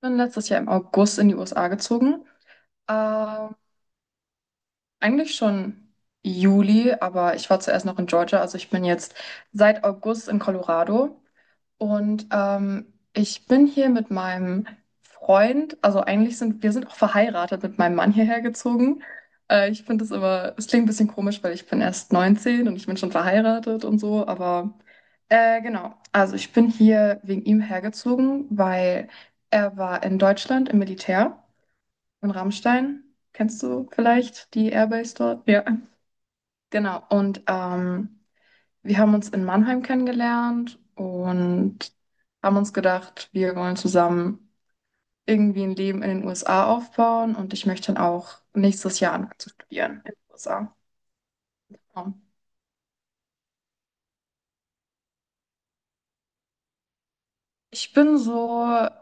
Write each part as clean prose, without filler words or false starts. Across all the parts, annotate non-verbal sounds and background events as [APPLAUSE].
Bin letztes Jahr im August in die USA gezogen. Ähm, Eigentlich schon Juli, aber ich war zuerst noch in Georgia. Also ich bin jetzt seit August in Colorado. Und ich bin hier mit meinem Freund, also eigentlich sind wir sind auch verheiratet, mit meinem Mann hierher gezogen. Ich finde es immer, es klingt ein bisschen komisch, weil ich bin erst 19 und ich bin schon verheiratet und so, aber genau. Also ich bin hier wegen ihm hergezogen, weil er war in Deutschland im Militär, in Rammstein. Kennst du vielleicht die Airbase dort? Ja. Genau. Und wir haben uns in Mannheim kennengelernt und haben uns gedacht, wir wollen zusammen irgendwie ein Leben in den USA aufbauen, und ich möchte dann auch nächstes Jahr anfangen zu studieren in den USA. Ja. Ich bin so,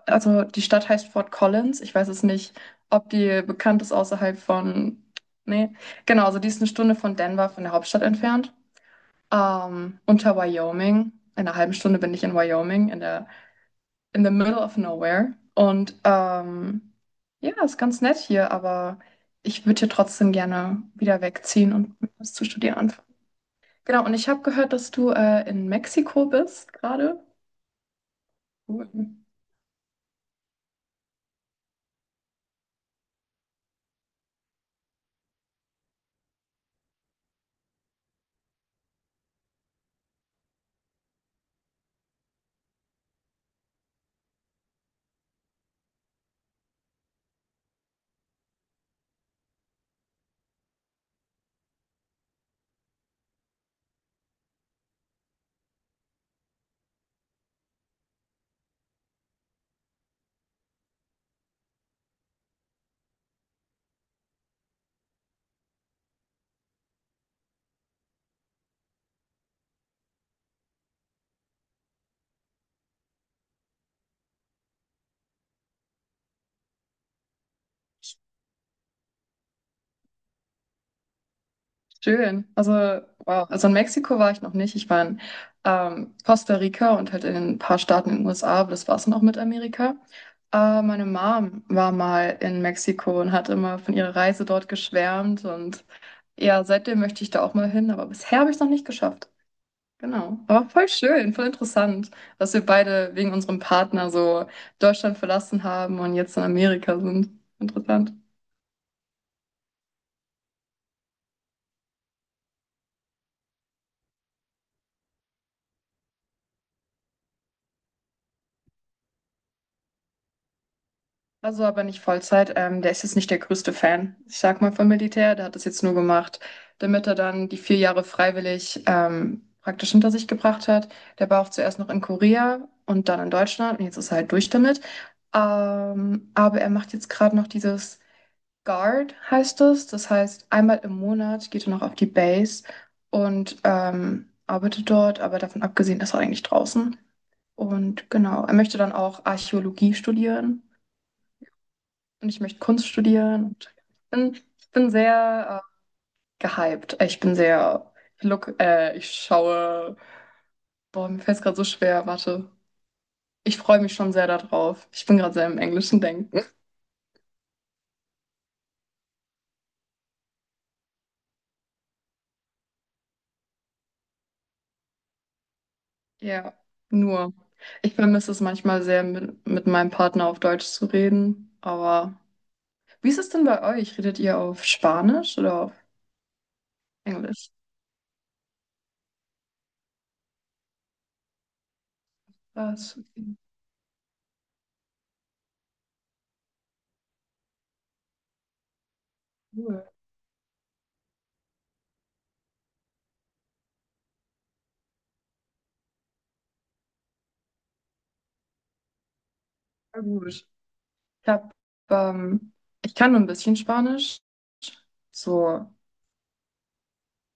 also die Stadt heißt Fort Collins. Ich weiß es nicht, ob die bekannt ist außerhalb von. Nee, genau, also die ist eine Stunde von Denver, von der Hauptstadt entfernt. Unter Wyoming. In einer halben Stunde bin ich in Wyoming, in der, in the middle of nowhere. Und ja, ist ganz nett hier, aber ich würde hier trotzdem gerne wieder wegziehen und was zu studieren anfangen. Genau, und ich habe gehört, dass du in Mexiko bist gerade. Cool. Schön. Also, wow. Also in Mexiko war ich noch nicht. Ich war in Costa Rica und halt in ein paar Staaten in den USA, aber das war es dann auch mit Amerika. Meine Mom war mal in Mexiko und hat immer von ihrer Reise dort geschwärmt. Und ja, seitdem möchte ich da auch mal hin, aber bisher habe ich es noch nicht geschafft. Genau. Aber voll schön, voll interessant, dass wir beide wegen unserem Partner so Deutschland verlassen haben und jetzt in Amerika sind. Interessant. Also aber nicht Vollzeit. Der ist jetzt nicht der größte Fan, ich sag mal, vom Militär. Der hat das jetzt nur gemacht, damit er dann die 4 Jahre freiwillig praktisch hinter sich gebracht hat. Der war auch zuerst noch in Korea und dann in Deutschland und jetzt ist er halt durch damit. Aber er macht jetzt gerade noch dieses Guard, heißt es. Das heißt, 1 Mal im Monat geht er noch auf die Base und arbeitet dort. Aber davon abgesehen ist er eigentlich draußen. Und genau, er möchte dann auch Archäologie studieren und ich möchte Kunst studieren. Und ich bin sehr gehypt. Ich bin sehr, ich, look, ich schaue, boah, mir fällt es gerade so schwer, warte. Ich freue mich schon sehr darauf. Ich bin gerade sehr im englischen Denken. Ja, nur. Ich vermisse es manchmal sehr, mit meinem Partner auf Deutsch zu reden. Aber wie ist es denn bei euch? Redet ihr auf Spanisch oder auf Englisch? Was? Okay. Cool. Na gut. Ich hab, ähm, Ich kann nur ein bisschen Spanisch. So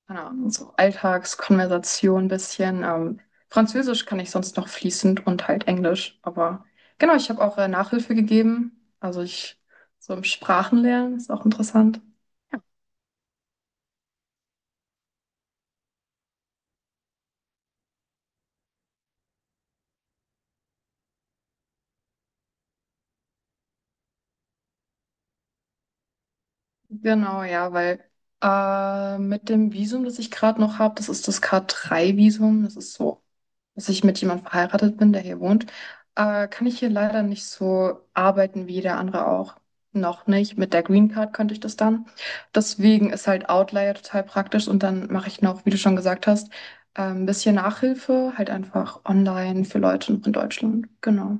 keine Ahnung, so Alltagskonversation ein bisschen. Französisch kann ich sonst noch fließend und halt Englisch. Aber genau, ich habe auch Nachhilfe gegeben. Also ich so im Sprachenlernen ist auch interessant. Genau, ja, weil mit dem Visum, das ich gerade noch habe, das ist das k drei visum. Das ist so, dass ich mit jemandem verheiratet bin, der hier wohnt, kann ich hier leider nicht so arbeiten wie der andere auch. Noch nicht. Mit der Green Card könnte ich das dann. Deswegen ist halt Outlier total praktisch und dann mache ich noch, wie du schon gesagt hast, ein bisschen Nachhilfe, halt einfach online für Leute in Deutschland. Genau.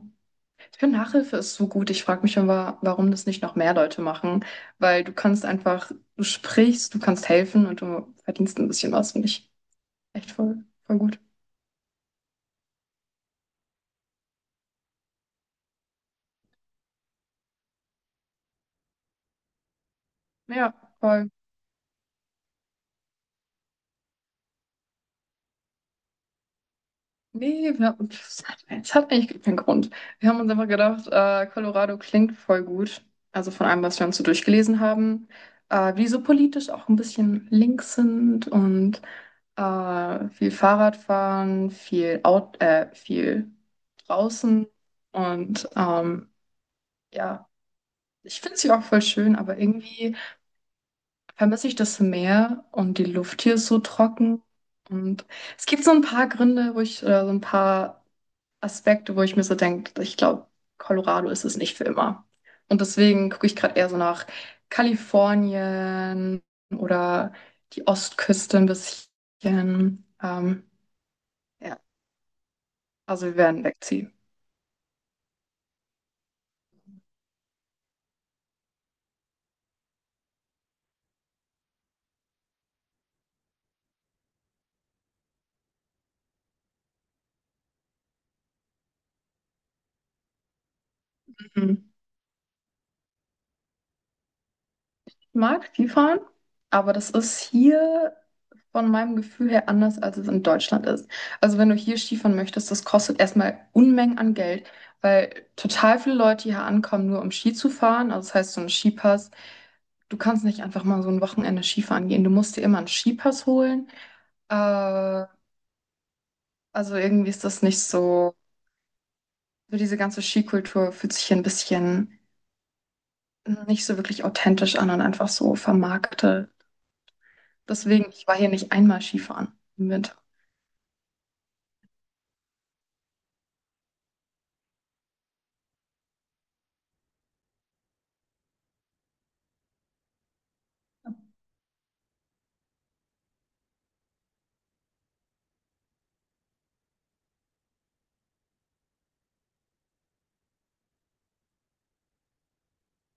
Ich finde, Nachhilfe ist so gut. Ich frage mich immer, warum das nicht noch mehr Leute machen, weil du kannst einfach, du sprichst, du kannst helfen und du verdienst ein bisschen was, finde ich echt voll, voll gut. Ja, voll. Nee, wir, pf, es hat eigentlich keinen Grund. Wir haben uns einfach gedacht, Colorado klingt voll gut. Also von allem, was wir uns so durchgelesen haben, wie die so politisch auch ein bisschen links sind und viel Fahrradfahren, viel viel draußen. Und ja, ich finde sie auch voll schön, aber irgendwie vermisse ich das Meer und die Luft hier ist so trocken. Und es gibt so ein paar Gründe, wo ich, oder so ein paar. Aspekte, wo ich mir so denke, ich glaube, Colorado ist es nicht für immer. Und deswegen gucke ich gerade eher so nach Kalifornien oder die Ostküste ein bisschen. Ja, also wir werden wegziehen. Mhm. Ich mag Skifahren, aber das ist hier von meinem Gefühl her anders, als es in Deutschland ist. Also wenn du hier Skifahren möchtest, das kostet erstmal Unmengen an Geld, weil total viele Leute hier ankommen, nur um Ski zu fahren. Also das heißt, so ein Skipass. Du kannst nicht einfach mal so ein Wochenende Skifahren gehen. Du musst dir immer einen Skipass holen. Äh, also irgendwie ist das nicht so. So diese ganze Skikultur fühlt sich hier ein bisschen nicht so wirklich authentisch an und einfach so vermarktet. Deswegen, ich war hier nicht einmal Skifahren im Winter.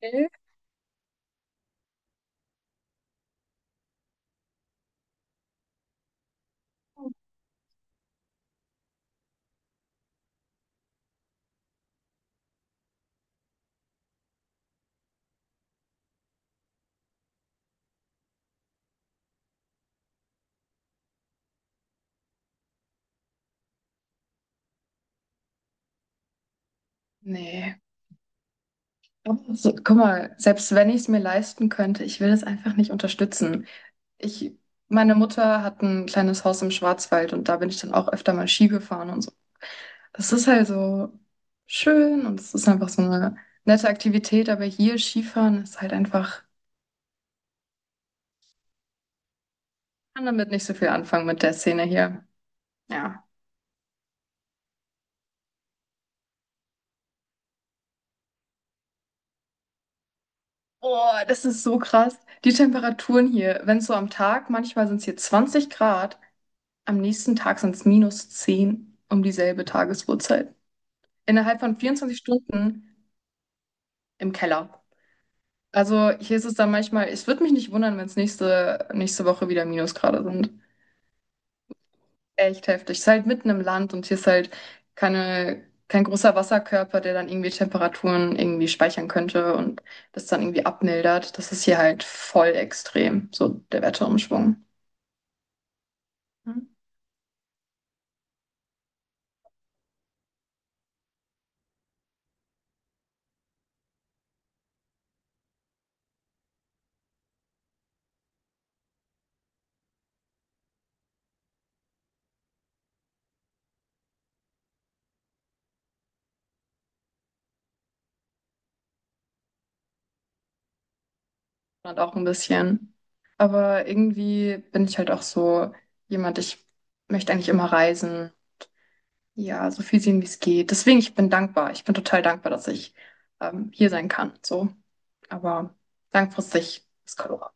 Okay. Nee. Aber so, guck mal, selbst wenn ich es mir leisten könnte, ich will es einfach nicht unterstützen. Ich, meine Mutter hat ein kleines Haus im Schwarzwald und da bin ich dann auch öfter mal Ski gefahren und so. Das ist halt so schön und es ist einfach so eine nette Aktivität, aber hier Skifahren ist halt einfach, ich kann damit nicht so viel anfangen mit der Szene hier. Ja. Oh, das ist so krass. Die Temperaturen hier, wenn es so am Tag, manchmal sind es hier 20 Grad. Am nächsten Tag sind es -10 um dieselbe Tagesuhrzeit. Innerhalb von 24 Stunden im Keller. Also hier ist es dann manchmal, es würde mich nicht wundern, wenn es nächste Woche wieder Minusgrade sind. Echt heftig. Es ist halt mitten im Land und hier ist halt kein großer Wasserkörper, der dann irgendwie Temperaturen irgendwie speichern könnte und das dann irgendwie abmildert. Das ist hier halt voll extrem, so der Wetterumschwung. Und auch ein bisschen. Aber irgendwie bin ich halt auch so jemand, ich möchte eigentlich immer reisen. Ja, so viel sehen, wie es geht. Deswegen, ich bin dankbar. Ich bin total dankbar, dass ich hier sein kann. So. Aber langfristig ist Colorado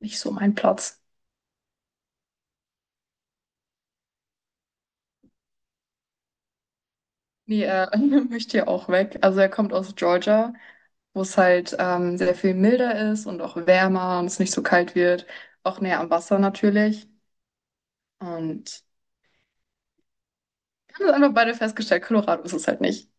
nicht so mein Platz. Nee, er [LAUGHS] möchte ja auch weg. Also er kommt aus Georgia, wo es halt sehr viel milder ist und auch wärmer und es nicht so kalt wird. Auch näher am Wasser natürlich. Und wir haben das einfach beide festgestellt, Colorado ist es halt nicht.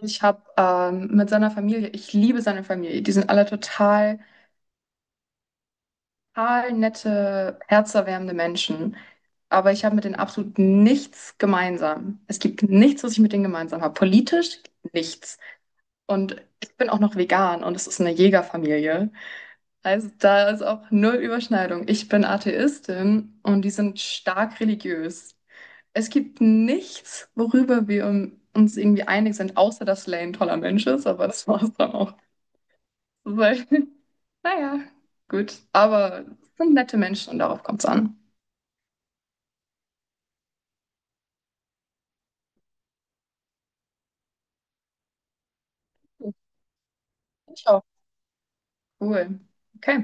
Ich habe mit seiner Familie, ich liebe seine Familie. Die sind alle total, total nette, herzerwärmende Menschen. Aber ich habe mit denen absolut nichts gemeinsam. Es gibt nichts, was ich mit denen gemeinsam habe. Politisch nichts. Und ich bin auch noch vegan und es ist eine Jägerfamilie. Also da ist auch null Überschneidung. Ich bin Atheistin und die sind stark religiös. Es gibt nichts, worüber wir uns irgendwie einig sind, außer dass Lane ein toller Mensch ist, aber das war es dann auch. Weil, [LAUGHS] naja, gut. Aber sind nette Menschen und darauf kommt es an. Ich auch. Cool. Okay.